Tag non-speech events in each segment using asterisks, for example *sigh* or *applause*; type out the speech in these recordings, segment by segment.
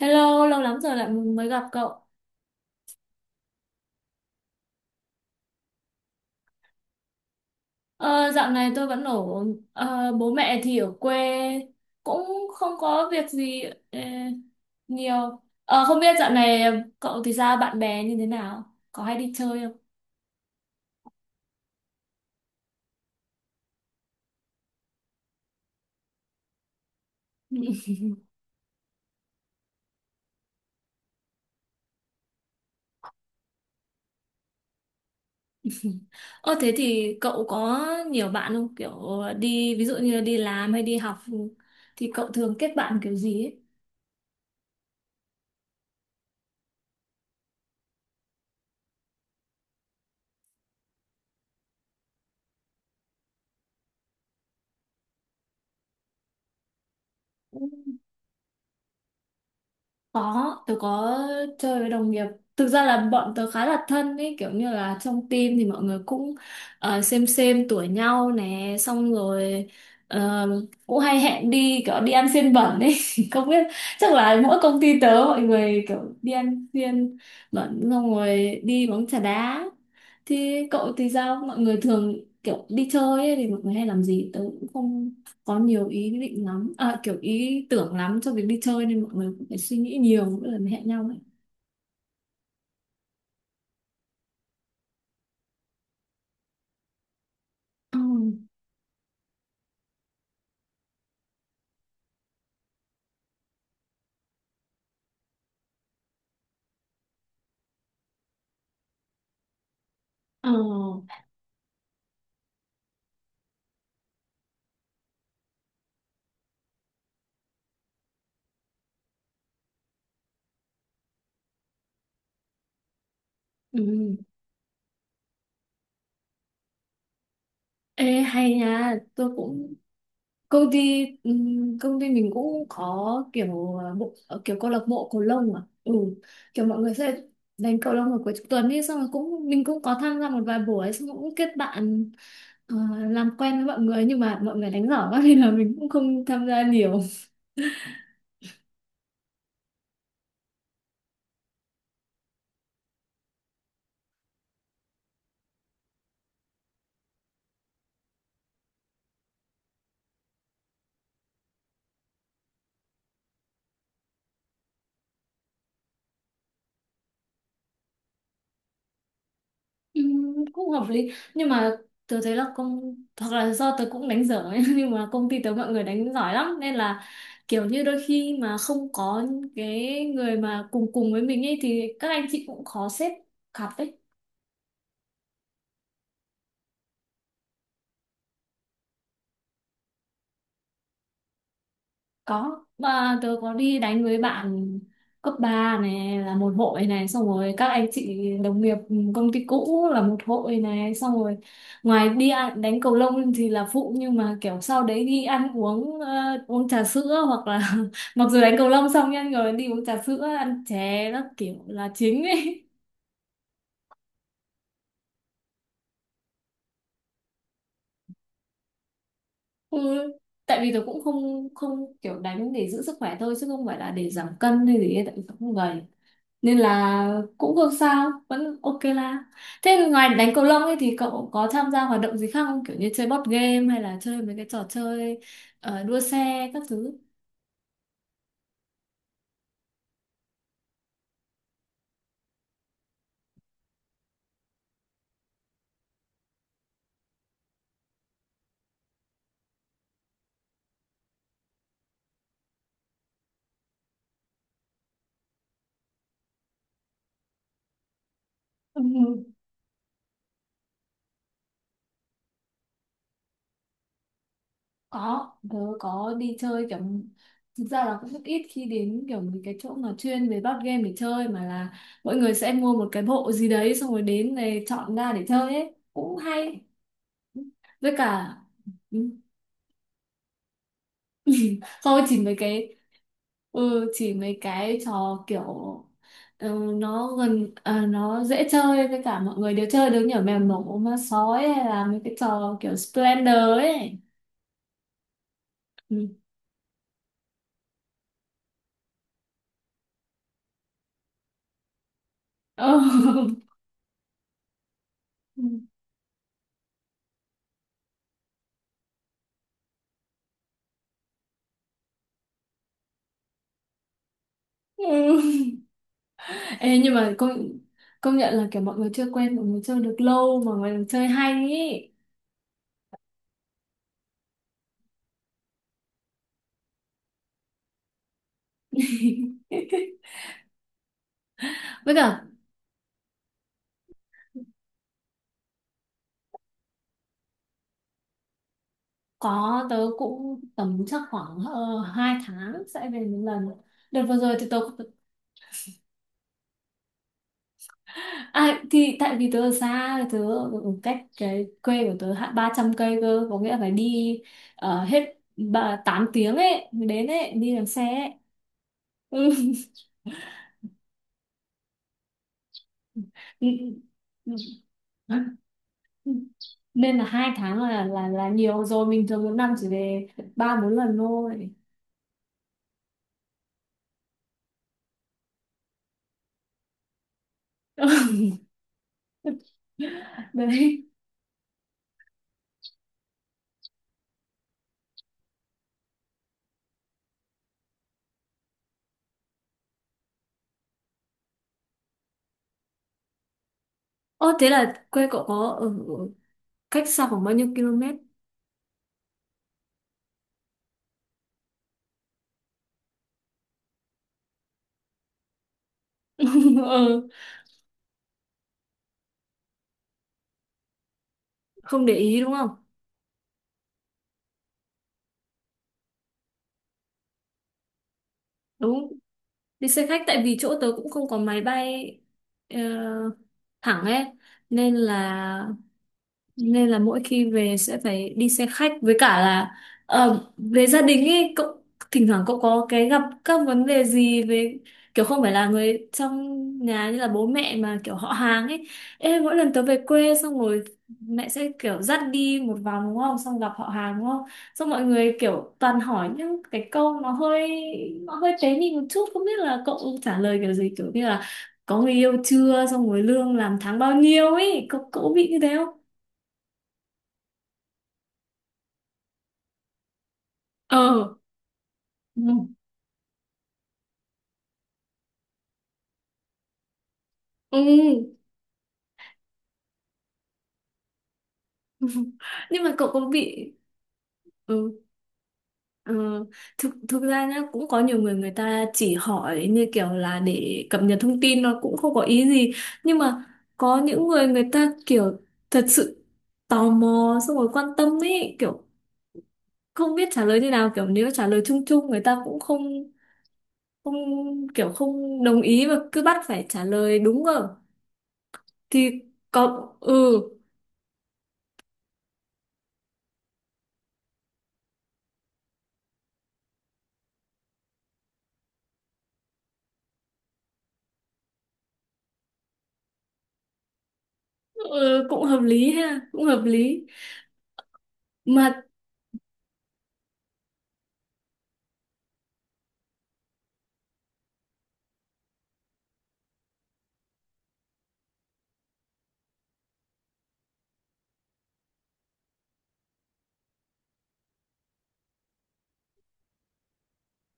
Hello, lâu lắm rồi lại mới gặp cậu. Ờ, dạo này tôi vẫn ở bố mẹ thì ở quê, cũng không có việc gì ờ, nhiều. Ờ, Không biết dạo này cậu thì sao, bạn bè như thế nào? Có hay đi chơi không? *laughs* Ờ Thế thì cậu có nhiều bạn không? Kiểu đi, ví dụ như đi làm hay đi học, thì cậu thường kết bạn kiểu gì ấy? Có, tớ có chơi với đồng nghiệp. Thực ra là bọn tớ khá là thân ấy, kiểu như là trong team thì mọi người cũng xem tuổi nhau nè, xong rồi ờ, cũng hay hẹn đi kiểu đi ăn xiên bẩn ấy. *laughs* Không biết, chắc là mỗi công ty tớ mọi người kiểu đi ăn xiên bẩn xong rồi đi bóng chà đá. Thì cậu thì sao? Mọi người thường kiểu đi chơi ấy, thì mọi người hay làm gì? Tớ cũng không có nhiều ý định lắm à, kiểu ý tưởng lắm cho việc đi chơi, nên mọi người cũng phải suy nghĩ nhiều mỗi lần hẹn nhau ấy. Ừ. Ờ. Ừ. Ê, hay nha, tôi cũng công ty mình cũng có kiểu kiểu câu lạc bộ cầu lông à? Ừ, kiểu mọi người sẽ đánh cầu lông vào cuối tuần, đi xong rồi cũng, mình cũng có tham gia một vài buổi, xong rồi cũng kết bạn, ờ, làm quen với mọi người, nhưng mà mọi người đánh giỏi quá *laughs* nên là mình cũng không tham gia nhiều. Ừ, cũng hợp lý nhưng mà tớ thấy là hoặc là do tớ cũng đánh dở ấy. *laughs* Nhưng mà công ty tớ mọi người đánh giỏi lắm, nên là kiểu như đôi khi mà không có cái người mà cùng cùng với mình ấy, thì các anh chị cũng khó xếp cặp ấy. Có, mà tớ có đi đánh với bạn cấp 3 này là một hội này, xong rồi các anh chị đồng nghiệp công ty cũ là một hội này, xong rồi ngoài đi ăn, đánh cầu lông thì là phụ, nhưng mà kiểu sau đấy đi ăn uống trà sữa hoặc là *laughs* mặc dù đánh cầu lông xong nha, rồi đi uống trà sữa ăn chè nó kiểu là chính ấy. *laughs* Ừ. Tại vì tôi cũng không không kiểu đánh để giữ sức khỏe thôi, chứ không phải là để giảm cân hay gì ấy, tại vì tớ không gầy nên là cũng không sao, vẫn ok la. Thế ngoài đánh cầu lông ấy thì cậu có tham gia hoạt động gì khác không, kiểu như chơi board game hay là chơi mấy cái trò chơi đua xe các thứ? Ừ, có, tớ có đi chơi kiểu, thực ra là cũng rất ít khi đến kiểu mấy cái chỗ mà chuyên về board game để chơi, mà là mọi người sẽ mua một cái bộ gì đấy, xong rồi đến này chọn ra để chơi ấy cũng hay. Với cả *laughs* không, chỉ mấy cái trò kiểu, ừ, nó gần à, nó dễ chơi với cả mọi người đều chơi được, như ở mèo nổ, ma sói, hay là mấy cái trò kiểu Splendor ấy. Ừ. Ừ. *laughs* Ừ. Ê, nhưng mà công công nhận là kiểu mọi người chưa quen, mọi người chơi được lâu mà mọi người chơi hay ý. *laughs* Với cả có, tớ cũng tầm chắc khoảng 2 tháng sẽ về một lần, đợt vừa rồi thì tớ... À, thì tại vì tớ ở xa, tớ ở ở cách cái quê của tớ hạ 300 cây cơ, có nghĩa là phải đi hết 8 tiếng ấy mới đến ấy, đi bằng xe ấy. Ừ. Ừ, ừ. *laughs* Nên là 2 tháng là nhiều rồi, mình thường một năm chỉ về ba bốn lần thôi. *laughs* Đấy. Ô, thế là quê cậu có ở ở cách xa khoảng bao nhiêu km? *laughs* Ừ, không để ý đúng không. Đúng, đi xe khách tại vì chỗ tớ cũng không có máy bay ờ, thẳng ấy, nên là nên là mỗi khi về sẽ phải đi xe khách. Với cả là, về gia đình ấy cậu, thỉnh thoảng cậu có cái gặp các vấn đề gì về kiểu không phải là người trong nhà như là bố mẹ, mà kiểu họ hàng ấy? Ê, mỗi lần tớ về quê xong rồi mẹ sẽ kiểu dắt đi một vòng đúng không, xong gặp họ hàng đúng không, xong mọi người kiểu toàn hỏi những cái câu nó hơi tế nhị một chút. Không biết là cậu trả lời kiểu gì, kiểu như là có người yêu chưa, xong rồi lương làm tháng bao nhiêu ấy, cậu cậu bị như thế? Ờ. Ừ. Ừ. *laughs* Nhưng mà cậu có bị? Ừ. ờ, thực thực ra nhá, cũng có nhiều người người ta chỉ hỏi như kiểu là để cập nhật thông tin, nó cũng không có ý gì. Nhưng mà có những người người ta kiểu thật sự tò mò xong rồi quan tâm ấy, kiểu không biết trả lời như nào, kiểu nếu trả lời chung chung người ta cũng không không kiểu không đồng ý, và cứ bắt phải trả lời đúng rồi, thì có. Ừ, ừ. Cũng hợp lý ha, cũng hợp lý mà.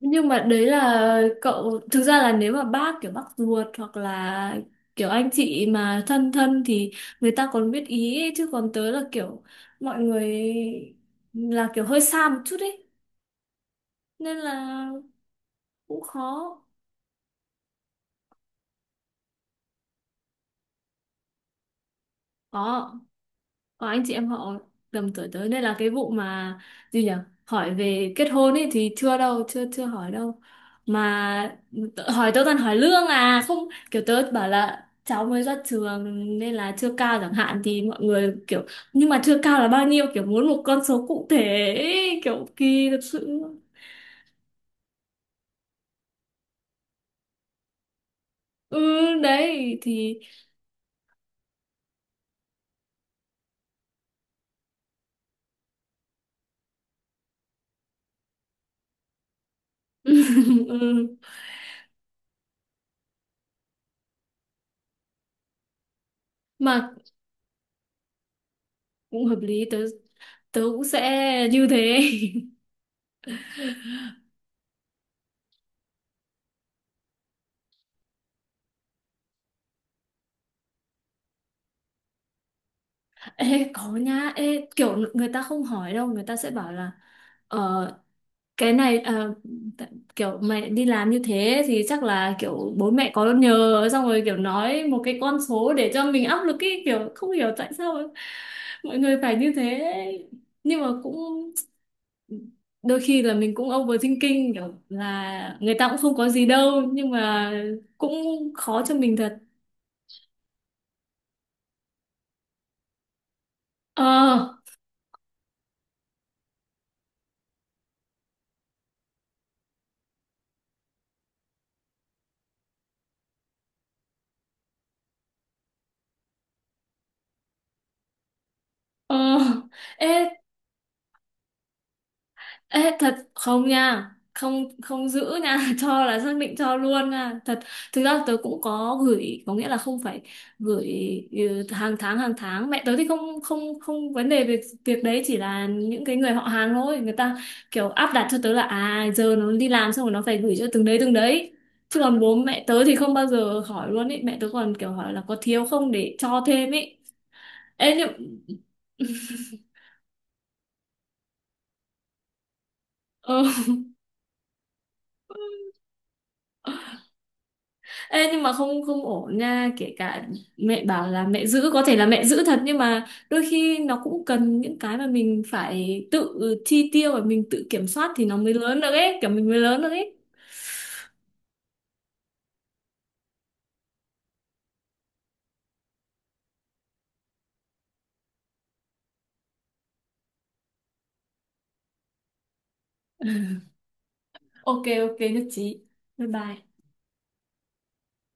Nhưng mà đấy là cậu, thực ra là nếu mà bác, kiểu bác ruột hoặc là kiểu anh chị mà thân thân thì người ta còn biết ý ấy, chứ còn tớ là kiểu mọi người là kiểu hơi xa một chút ấy nên là cũng khó. Có có anh chị em họ tầm tuổi tới, nên là cái vụ mà, gì nhỉ, hỏi về kết hôn ấy thì chưa đâu, chưa chưa hỏi đâu mà. Hỏi tớ toàn hỏi lương à, không, kiểu tớ bảo là cháu mới ra trường nên là chưa cao chẳng hạn, thì mọi người kiểu nhưng mà chưa cao là bao nhiêu, kiểu muốn một con số cụ thể ấy, kiểu kỳ thật sự. Ừ. Đấy thì... *laughs* Ừ, mà cũng hợp lý, tớ tớ cũng sẽ như thế. *laughs* Ê, có nhá, ê, kiểu người ta không hỏi đâu, người ta sẽ bảo là ờ, cái này, t- kiểu mày đi làm như thế thì chắc là kiểu bố mẹ có nhờ, xong rồi kiểu nói một cái con số để cho mình áp lực ý, kiểu không hiểu tại sao mọi người phải như thế. Nhưng mà cũng đôi khi là mình cũng overthinking, kiểu là người ta cũng không có gì đâu, nhưng mà cũng khó cho mình thật. Ờ, ờ. Ê. Ê, thật không nha, không không giữ nha. *laughs* Cho là xác định cho luôn nha, thật. Thực ra tớ cũng có gửi, có nghĩa là không phải gửi, ừ, Hàng tháng mẹ tớ thì không không không vấn đề về việc đấy, chỉ là những cái người họ hàng thôi, người ta kiểu áp đặt cho tớ là à giờ nó đi làm xong rồi nó phải gửi cho từng đấy từng đấy, chứ còn bố mẹ tớ thì không bao giờ hỏi luôn ấy, mẹ tớ còn kiểu hỏi là có thiếu không để cho thêm ấy. Ê, nhưng... *laughs* Ê, nhưng mà không không ổn nha, kể cả mẹ bảo là mẹ giữ có thể là mẹ giữ thật, nhưng mà đôi khi nó cũng cần những cái mà mình phải tự chi tiêu và mình tự kiểm soát thì nó mới lớn được ấy, kiểu mình mới lớn được ấy. Ok, ok, nhất trí. Bye bye.